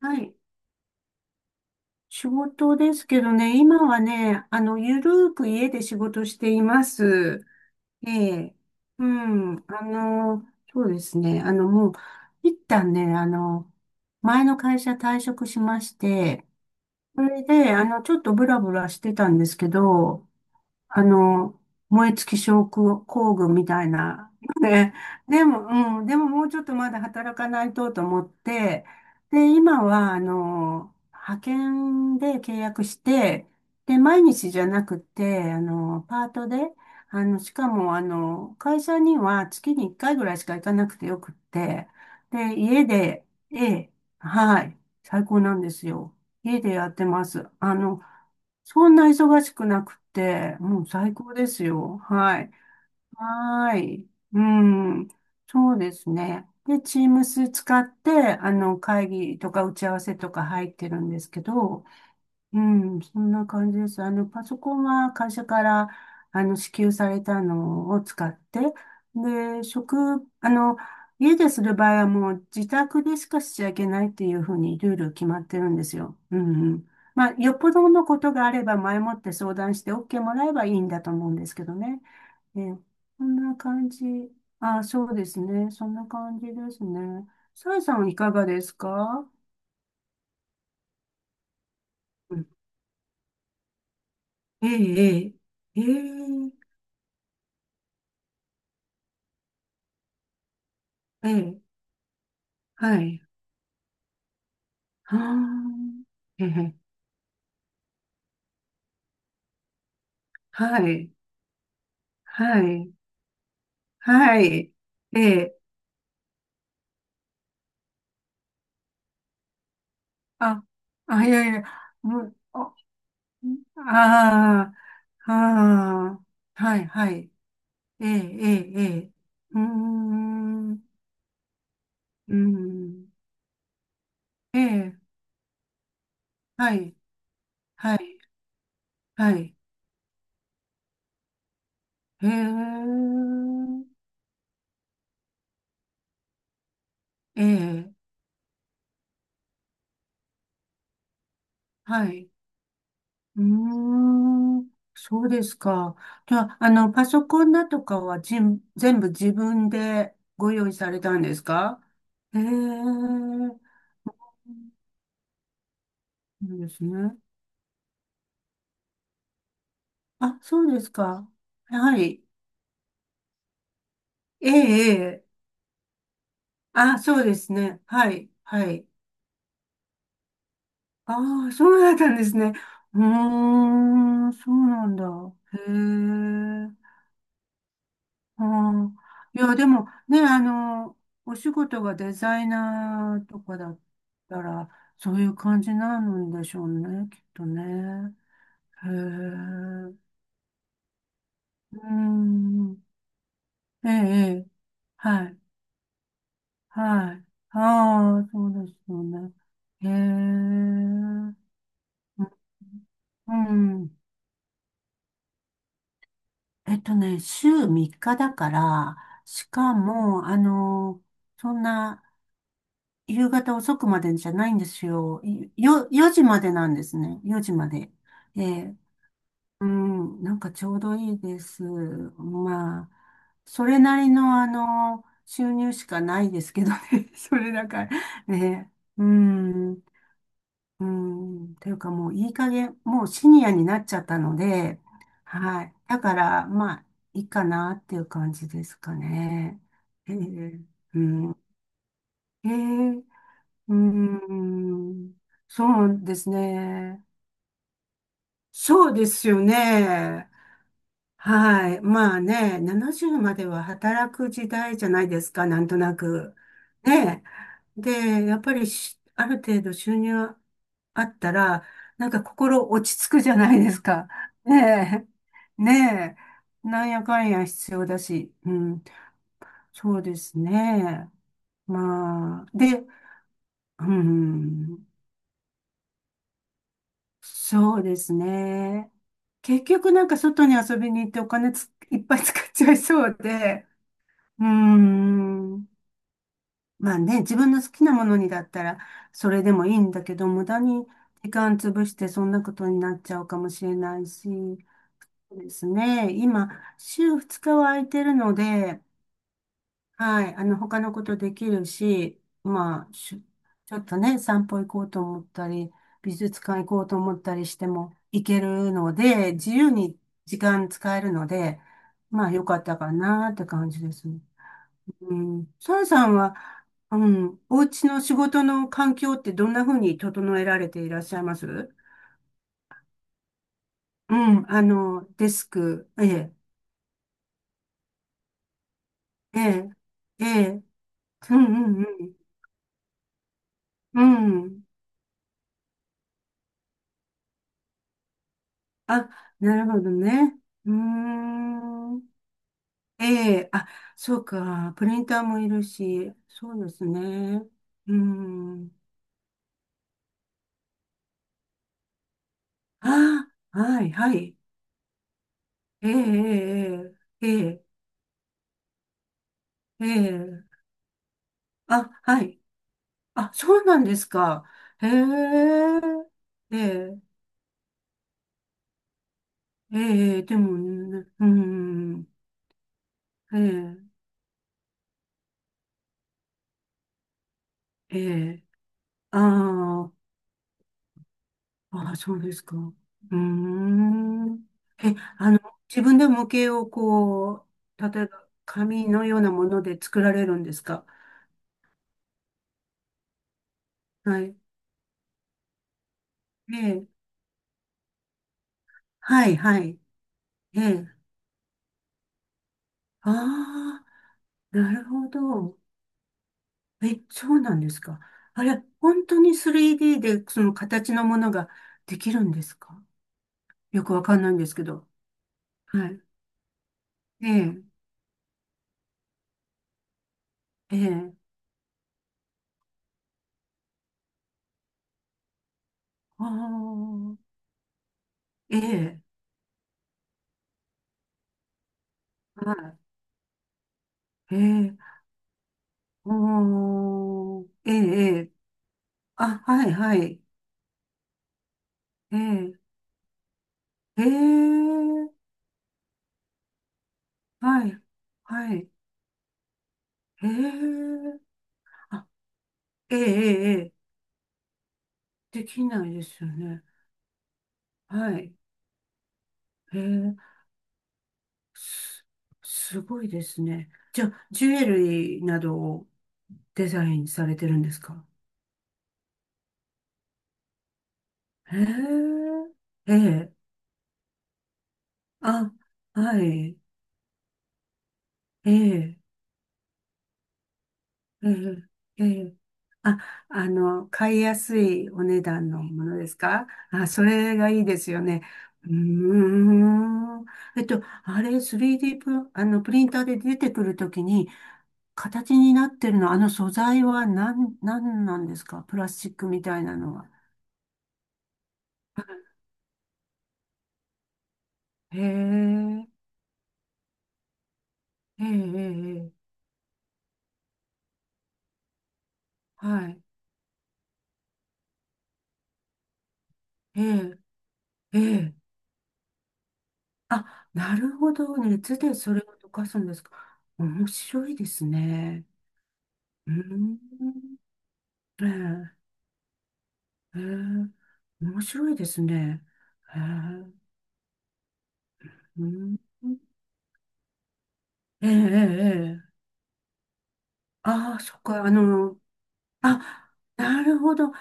はい。仕事ですけどね、今はね、ゆるーく家で仕事しています。ええ。うん。そうですね。もう、一旦ね、前の会社退職しまして、それで、ちょっとブラブラしてたんですけど、あの、燃え尽き症候工群みたいな。ね。でも、うん、でももうちょっとまだ働かないとと思って、で、今は、派遣で契約して、で、毎日じゃなくて、パートで、しかも、会社には月に1回ぐらいしか行かなくてよくって、で、家で、ええ、はい、最高なんですよ。家でやってます。そんな忙しくなくて、もう最高ですよ。はい。はーい。うん。そうですね。で、Teams 使って、会議とか打ち合わせとか入ってるんですけど、うん、そんな感じです。パソコンは会社から、支給されたのを使って、で、あの、家でする場合はもう自宅でしかしちゃいけないっていうふうにルール決まってるんですよ。うんうん。まあ、よっぽどのことがあれば前もって相談して OK もらえばいいんだと思うんですけどね。ええ、こんな感じ。あ、そうですね。そんな感じですね。さえさんいかがですか？うんええ、ええ、ええ、ええ。はい。はあ。ええ。はい。はい。はい。ええ。あ、あ、いやいや。うん、あ、ああ、ああ。はい、はい。ええ、ええ、ええ。うーん。うーん。ええ。はい。はい。はい。へえ。ええ。はい。うーん、そうですか。じゃあ、パソコンだとかは全部自分でご用意されたんですか？へえ、そうですね。あ、そうですか。やはり、ええ、ええ。あ、そうですね。はい、はい。ああ、そうだったんですね。うーん、そうなんだ。へえ。ああ、いや、でもね、お仕事がデザイナーとかだったら、そういう感じなんでしょうね、きっとね。へえ、うーん、ええ、ええはい、はい。ああ、そうですよね。へえ、うんうん週3日だから、しかも、そんな、夕方遅くまでじゃないんですよ。よ、4時までなんですね。4時まで。ええうん、なんかちょうどいいです。まあ、それなりの収入しかないですけどね。それだから、ね。うん、うん、というかもういい加減、もうシニアになっちゃったので、はい。だから、まあ、いいかなっていう感じですかね。えーうん。ええうーん、そうですね。そうですよね。はい。まあね、70までは働く時代じゃないですか、なんとなく。ね。で、やっぱりある程度収入あったら、なんか心落ち着くじゃないですか。ねえ。ねえ。なんやかんや必要だし。うん。そうですね。まあ、で、うん。そうですね。結局なんか外に遊びに行ってお金いっぱい使っちゃいそうで、うーん。まあね、自分の好きなものにだったらそれでもいいんだけど、無駄に時間潰してそんなことになっちゃうかもしれないし、そうですね。今、週2日は空いてるので、はい。他のことできるし、まあ、ちょっとね、散歩行こうと思ったり、美術館行こうと思ったりしても行けるので、自由に時間使えるので、まあ、良かったかなって感じですね。うん。サラさんは、うん、お家の仕事の環境ってどんな風に整えられていらっしゃいますう？ん、デスク、ええ、ええ、ええ、うん、うん、うん、うん。あ、なるほどね。うーん。ええ、あ、そうか。プリンターもいるし、そうですね。うん。あ、はい、はい。ええ、ええ、ええ、ええ。ええあ、はい。あ、そうなんですか。へえ、ええ、ええ、でもね、うーん。ええ、ええ。ああ、ああ、そうですか。うーん。え、自分で模型をこう、例えば紙のようなもので作られるんですか？はい。ええ、はい、はい。ええ。ああ、なるほど。え、そうなんですか。あれ、本当に 3D でその形のものができるんですか？よくわかんないんですけど。はい。ええ、ええ。ああ、ええ。はい。ええ、おー、ええ、えあ、はい、はい。ええ、ええ、はい、はい、ええ、あ、ええ、ええ、ええできないですよね。はい、ええ、す、すごいですね。じゃあ、ジュエリーなどをデザインされてるんですか？ええ、ええ、あ、はい、ええ、ええ、ええ、あ、買いやすいお値段のものですか？あ、それがいいですよね。うーん。えっと、あれ、3D プリンターで出てくるときに、形になってるの、あの素材は何、何なんですか？プラスチックみたいなのは。へえ、ええ、ええ、はい。ええ、ええ。あ、なるほどね。熱でそれを溶かすんですか。面白いですね。うーん。ええええ、面白いですね。ええ、うん、ええ、ええ、ああー、そっか、あ、なるほど。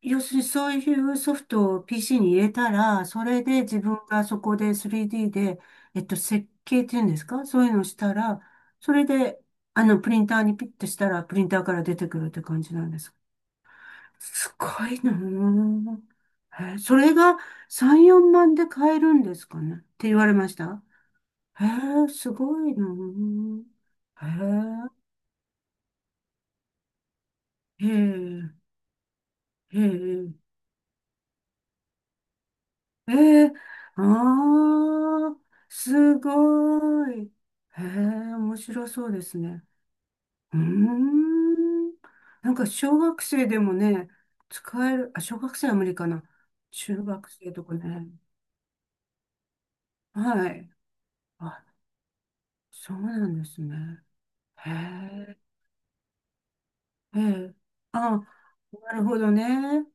要するにそういうソフトを PC に入れたら、それで自分がそこで 3D で、設計っていうんですか？そういうのをしたら、それで、プリンターにピッとしたら、プリンターから出てくるって感じなんです。すごいなあ。えーそれが3、4万で買えるんですかねって言われましたへえ、すごいな。へえ、へえ、へえ、へえ、ああ、すごい。へえ、面白そうですね。うーん。なんか小学生でもね、使える、あ、小学生は無理かな。中学生とかね。はい。あ、そうなんですね。へえ。ええ。あ、なるほどね。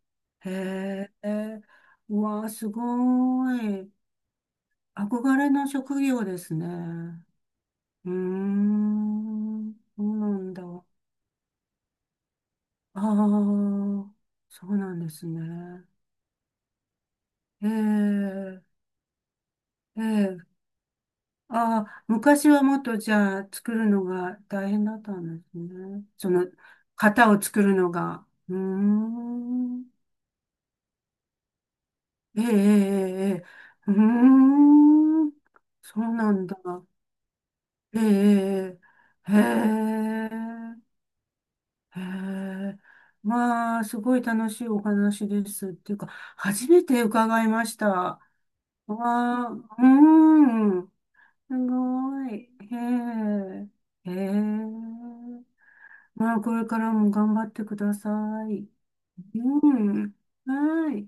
へえ。うわあ、すごい。憧れの職業ですね。うーん。そうなんだ。ああ、そうなんですね。ええ、ええ。ああ、昔はもっとじゃあ作るのが大変だったんですね。その型を作るのが。うーん。ええ、ええ、ええ、うーん、そうなんだ。ええ、ええ、へえ、へえ、まあ、すごい楽しいお話ですっていうか、初めて伺いました。わあ、うーん、すごい。へえ、へえ、まあ、これからも頑張ってください。うん、はい。